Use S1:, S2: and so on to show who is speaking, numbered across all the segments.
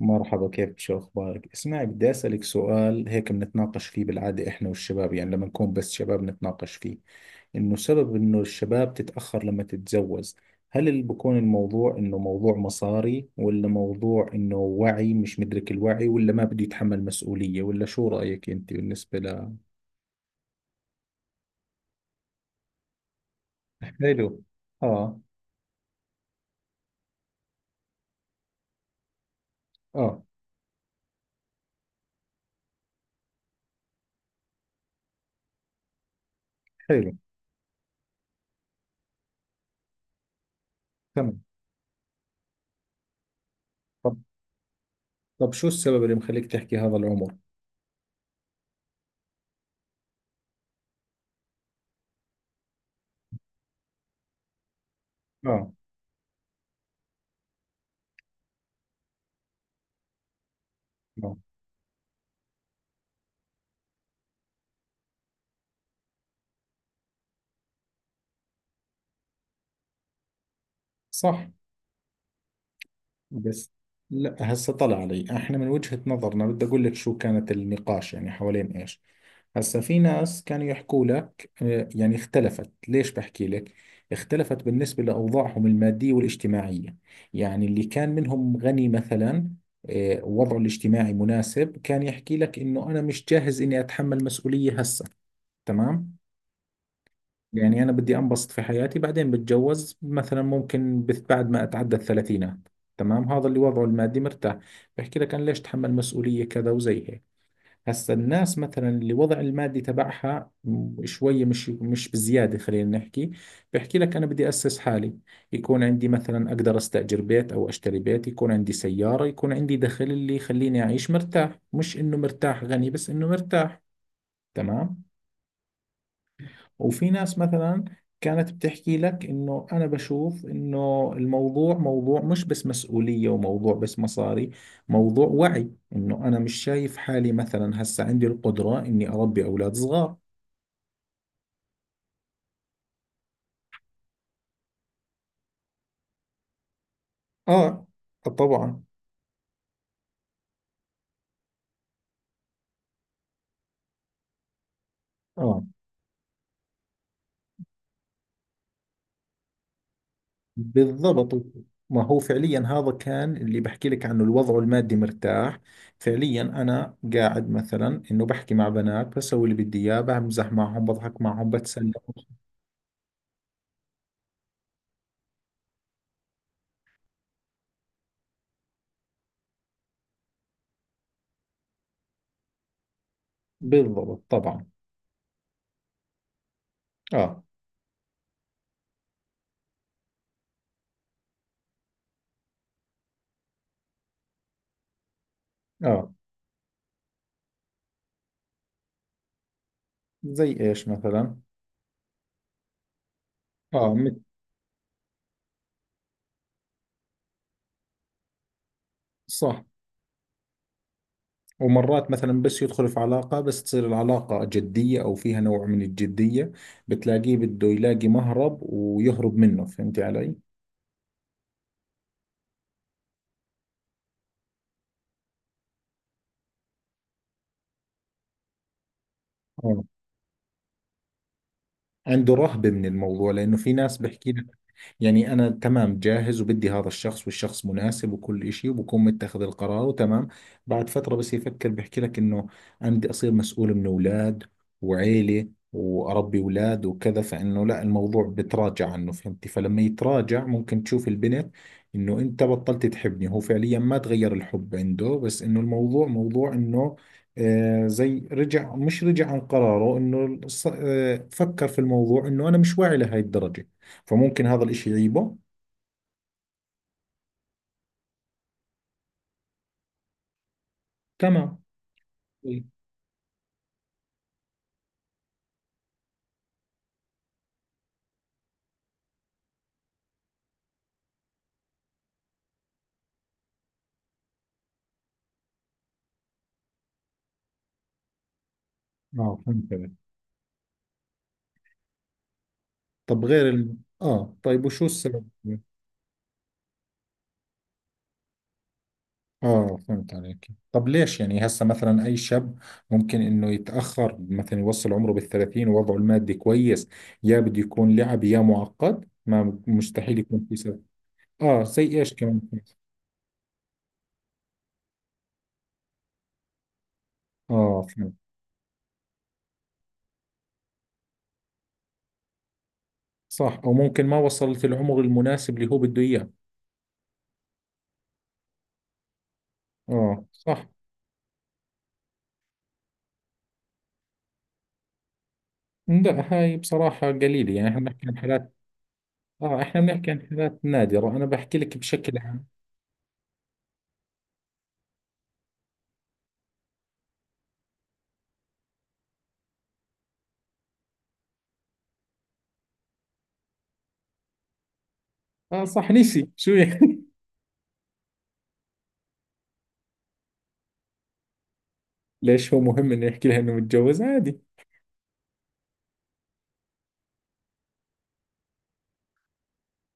S1: مرحبا، كيفك، شو أخبارك؟ اسمعي، بدي أسألك سؤال هيك بنتناقش فيه بالعادة إحنا والشباب، يعني لما نكون بس شباب نتناقش فيه إنه سبب إنه الشباب تتأخر لما تتزوج. هل اللي بكون الموضوع إنه موضوع مصاري، ولا موضوع إنه وعي مش مدرك الوعي، ولا ما بده يتحمل مسؤولية، ولا شو رأيك أنت بالنسبة ل؟ حلو. آه. آه. حلو. تمام. طب. طب شو السبب اللي مخليك تحكي هذا العمر؟ آه. آه. صح. بس. لا، هسه طلع علي، احنا من وجهة نظرنا بدي اقول لك شو كانت النقاش يعني حوالين ايش. هسه في ناس كانوا يحكوا لك يعني اختلفت، ليش بحكي لك؟ اختلفت بالنسبة لأوضاعهم المادية والاجتماعية. يعني اللي كان منهم غني مثلا، وضعه الاجتماعي مناسب، كان يحكي لك انه انا مش جاهز اني اتحمل مسؤولية هسه. تمام. يعني أنا بدي أنبسط في حياتي بعدين بتجوز، مثلا ممكن بعد ما أتعدى الثلاثينات. تمام، هذا اللي وضعه المادي مرتاح. بحكي لك أنا ليش تحمل مسؤولية كذا وزي هيك. هسا الناس مثلا اللي وضع المادي تبعها شوية مش بزيادة، خلينا نحكي. بحكي لك أنا بدي أسس حالي، يكون عندي مثلا أقدر أستأجر بيت أو أشتري بيت، يكون عندي سيارة، يكون عندي دخل اللي يخليني أعيش مرتاح، مش إنه مرتاح غني، بس إنه مرتاح. تمام. وفي ناس مثلا كانت بتحكي لك انه انا بشوف انه الموضوع موضوع مش بس مسؤولية، وموضوع بس مصاري، موضوع وعي، انه انا مش شايف حالي مثلا هسه عندي القدرة اني اربي اولاد صغار. اه، طبعا. اه، بالضبط، ما هو فعليا هذا كان اللي بحكي لك عنه، الوضع المادي مرتاح. فعليا انا قاعد مثلا انه بحكي مع بنات، بسوي اللي بدي اياه، بمزح معهم، بضحك معهم، بتسلى. بالضبط، طبعا. اه. اه، زي ايش مثلا؟ اه، صح. ومرات مثلا بس يدخل في علاقة، بس تصير العلاقة جدية او فيها نوع من الجدية، بتلاقيه بده يلاقي مهرب ويهرب منه، فهمتي علي؟ عنده رهبة من الموضوع، لأنه في ناس بحكي لك، يعني أنا تمام، جاهز وبدي هذا الشخص، والشخص مناسب وكل إشي، وبكون متخذ القرار وتمام. بعد فترة بس يفكر بحكي لك إنه أنا بدي أصير مسؤول من أولاد وعيلة، وأربي أولاد وكذا، فإنه لا، الموضوع بتراجع عنه، فهمتي؟ فلما يتراجع ممكن تشوف البنت إنه أنت بطلت تحبني، هو فعليا ما تغير الحب عنده، بس إنه الموضوع موضوع إنه، زي رجع مش رجع عن قراره انه فكر في الموضوع انه انا مش واعي لهي الدرجة، فممكن هذا الاشي يعيبه. تمام. طيب. اه، فهمت عليك. طب غير ال... اه، طيب، وشو السبب؟ اه، فهمت عليك. طب ليش يعني هسه مثلا اي شاب ممكن انه يتأخر، مثلا يوصل عمره بالثلاثين ووضعه المادي كويس، يا بده يكون لعب يا معقد، ما مستحيل يكون في سبب. اه، زي ايش كمان؟ اه، صح. أو ممكن ما وصلت العمر المناسب اللي هو بده إياه. آه، صح. لا، هاي بصراحة قليلة، يعني احنا بنحكي عن حالات. اه، احنا بنحكي عن حالات نادرة، انا بحكي لك بشكل عام. اه، صح، نسي شو يعني. ليش هو مهم انه يحكي لها انه متجوز عادي؟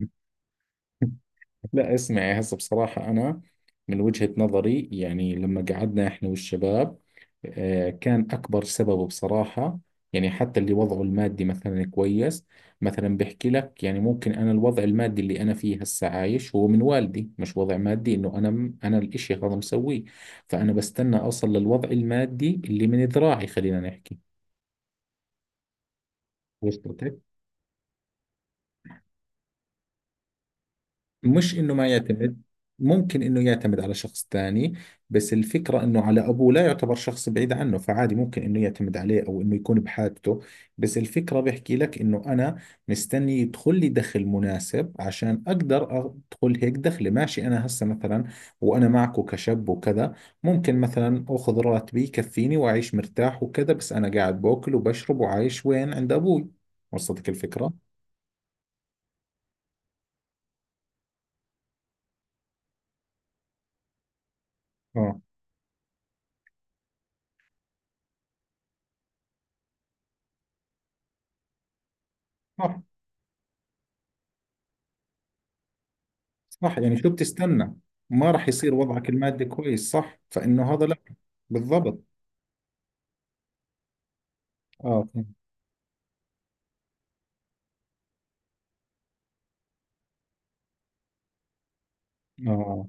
S1: لا، اسمعي، هسه بصراحة أنا من وجهة نظري يعني لما قعدنا إحنا والشباب، كان أكبر سببه بصراحة، يعني حتى اللي وضعه المادي مثلا كويس، مثلا بحكي لك يعني ممكن أنا الوضع المادي اللي أنا فيه هسه عايش هو من والدي، مش وضع مادي إنه أنا أنا الإشي هذا مسويه، فأنا بستنى أوصل للوضع المادي اللي من ذراعي، خلينا نحكي. وصلتك. مش انه ما يعتمد، ممكن انه يعتمد على شخص ثاني، بس الفكرة انه على ابوه، لا يعتبر شخص بعيد عنه، فعادي ممكن انه يعتمد عليه او انه يكون بحاجته. بس الفكرة بحكي لك انه انا مستني يدخل لي دخل مناسب عشان اقدر ادخل هيك دخلي، ماشي؟ انا هسه مثلا، وانا معكو كشاب وكذا، ممكن مثلا اخذ راتبي يكفيني واعيش مرتاح وكذا، بس انا قاعد باكل وبشرب وعايش وين؟ عند ابوي. وصلتك الفكرة؟ اه، صح، يعني شو بتستنى؟ ما راح يصير وضعك المادي كويس، صح، فإنه هذا لا. بالضبط. اه، فهمت. اه،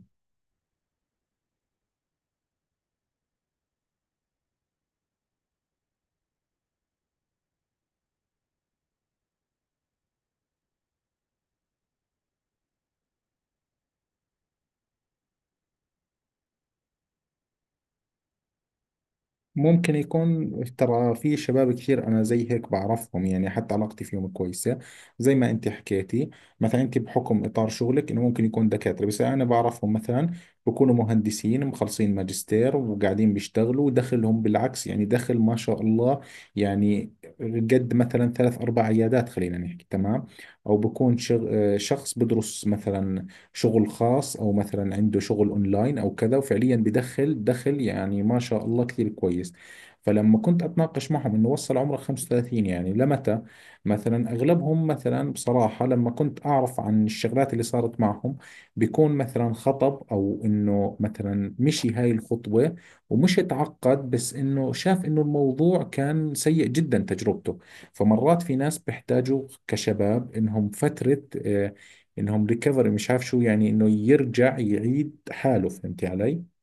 S1: ممكن يكون ترى في شباب كثير انا زي هيك بعرفهم، يعني حتى علاقتي فيهم كويسه، زي ما انت حكيتي. مثلا انت بحكم اطار شغلك انه ممكن يكون دكاتره، بس انا بعرفهم مثلا بكونوا مهندسين مخلصين ماجستير وقاعدين بيشتغلوا ودخلهم بالعكس، يعني دخل ما شاء الله، يعني قد مثلا ثلاث اربع عيادات، خلينا نحكي. تمام. او بكون شغ... آه، شخص بدرس مثلا شغل خاص، او مثلا عنده شغل اونلاين او كذا، وفعليا بدخل دخل يعني ما شاء الله كثير كويس. فلما كنت اتناقش معهم انه وصل عمره 35 يعني لمتى، مثلا اغلبهم مثلا بصراحة لما كنت اعرف عن الشغلات اللي صارت معهم، بيكون مثلا خطب او انه مثلا مشي هاي الخطوة ومش اتعقد، بس انه شاف انه الموضوع كان سيء جدا تجربته. فمرات في ناس بيحتاجوا كشباب انهم فترة، انهم ريكفري، مش عارف شو يعني، انه يرجع يعيد حاله، فهمتي علي؟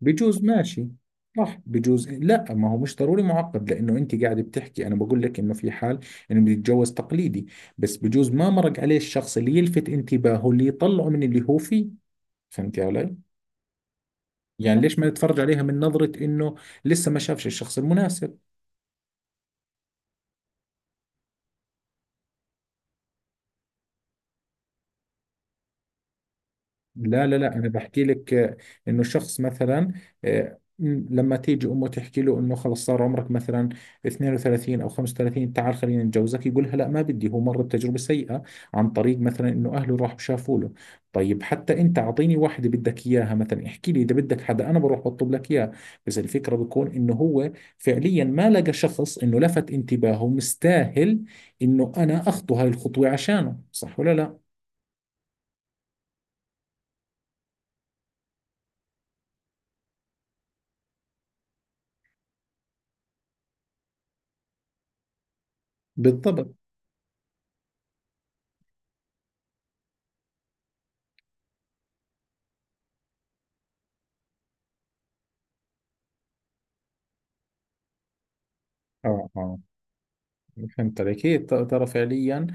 S1: بجوز، ماشي. صح، بجوز. لا، ما هو مش ضروري معقد، لانه انت قاعد بتحكي، انا بقول لك انه في حال انه بده يتجوز تقليدي، بس بجوز ما مرق عليه الشخص اللي يلفت انتباهه اللي يطلعه من اللي هو فيه، فهمتي علي؟ يعني ليش ما نتفرج عليها من نظرة انه لسه ما شافش الشخص المناسب؟ لا، لا، لا، انا بحكي لك، انه الشخص مثلا، لما تيجي امه تحكي له انه خلص صار عمرك مثلا 32 او 35 تعال خلينا نتجوزك، يقولها لا ما بدي، هو مر بتجربه سيئه عن طريق مثلا انه اهله راح شافوا له. طيب، حتى انت اعطيني واحده بدك اياها، مثلا احكي لي اذا بدك حدا انا بروح بطلب لك اياه. بس الفكره بكون انه هو فعليا ما لقى شخص انه لفت انتباهه مستاهل انه انا اخطو هاي الخطوه عشانه، صح ولا لا؟ بالضبط. اه، اه، فهمت عليك. هي ترى فعليا،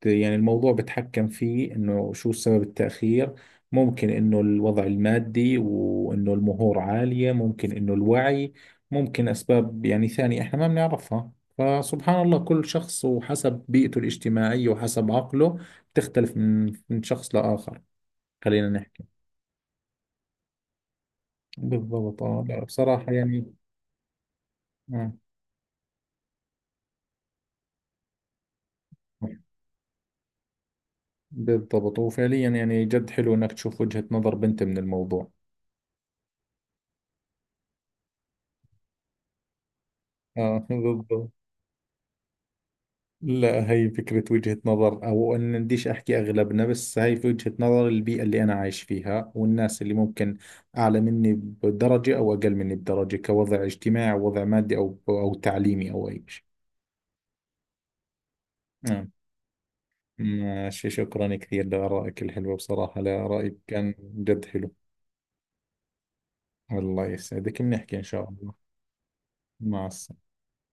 S1: يعني الموضوع بتحكم فيه انه شو سبب التأخير، ممكن انه الوضع المادي وانه المهور عالية، ممكن انه الوعي، ممكن اسباب يعني ثانية احنا ما بنعرفها، فسبحان الله كل شخص وحسب بيئته الاجتماعية وحسب عقله بتختلف من شخص لآخر، خلينا نحكي. بالضبط، اه، لا بصراحة يعني. آه. بالضبط، وفعليا يعني جد حلو انك تشوف وجهة نظر بنت من الموضوع. اه، بالضبط. لا، هي فكرة وجهة نظر أو أن بديش أحكي أغلبنا، بس هي في وجهة نظر البيئة اللي أنا عايش فيها والناس اللي ممكن أعلى مني بدرجة أو أقل مني بدرجة كوضع اجتماعي أو وضع مادي أو تعليمي أو أي شيء. نعم. ماشي، شكرا كثير لآرائك الحلوة بصراحة، لا رأيك كان جد حلو. الله يسعدك، بنحكي إن شاء الله. مع السلامة.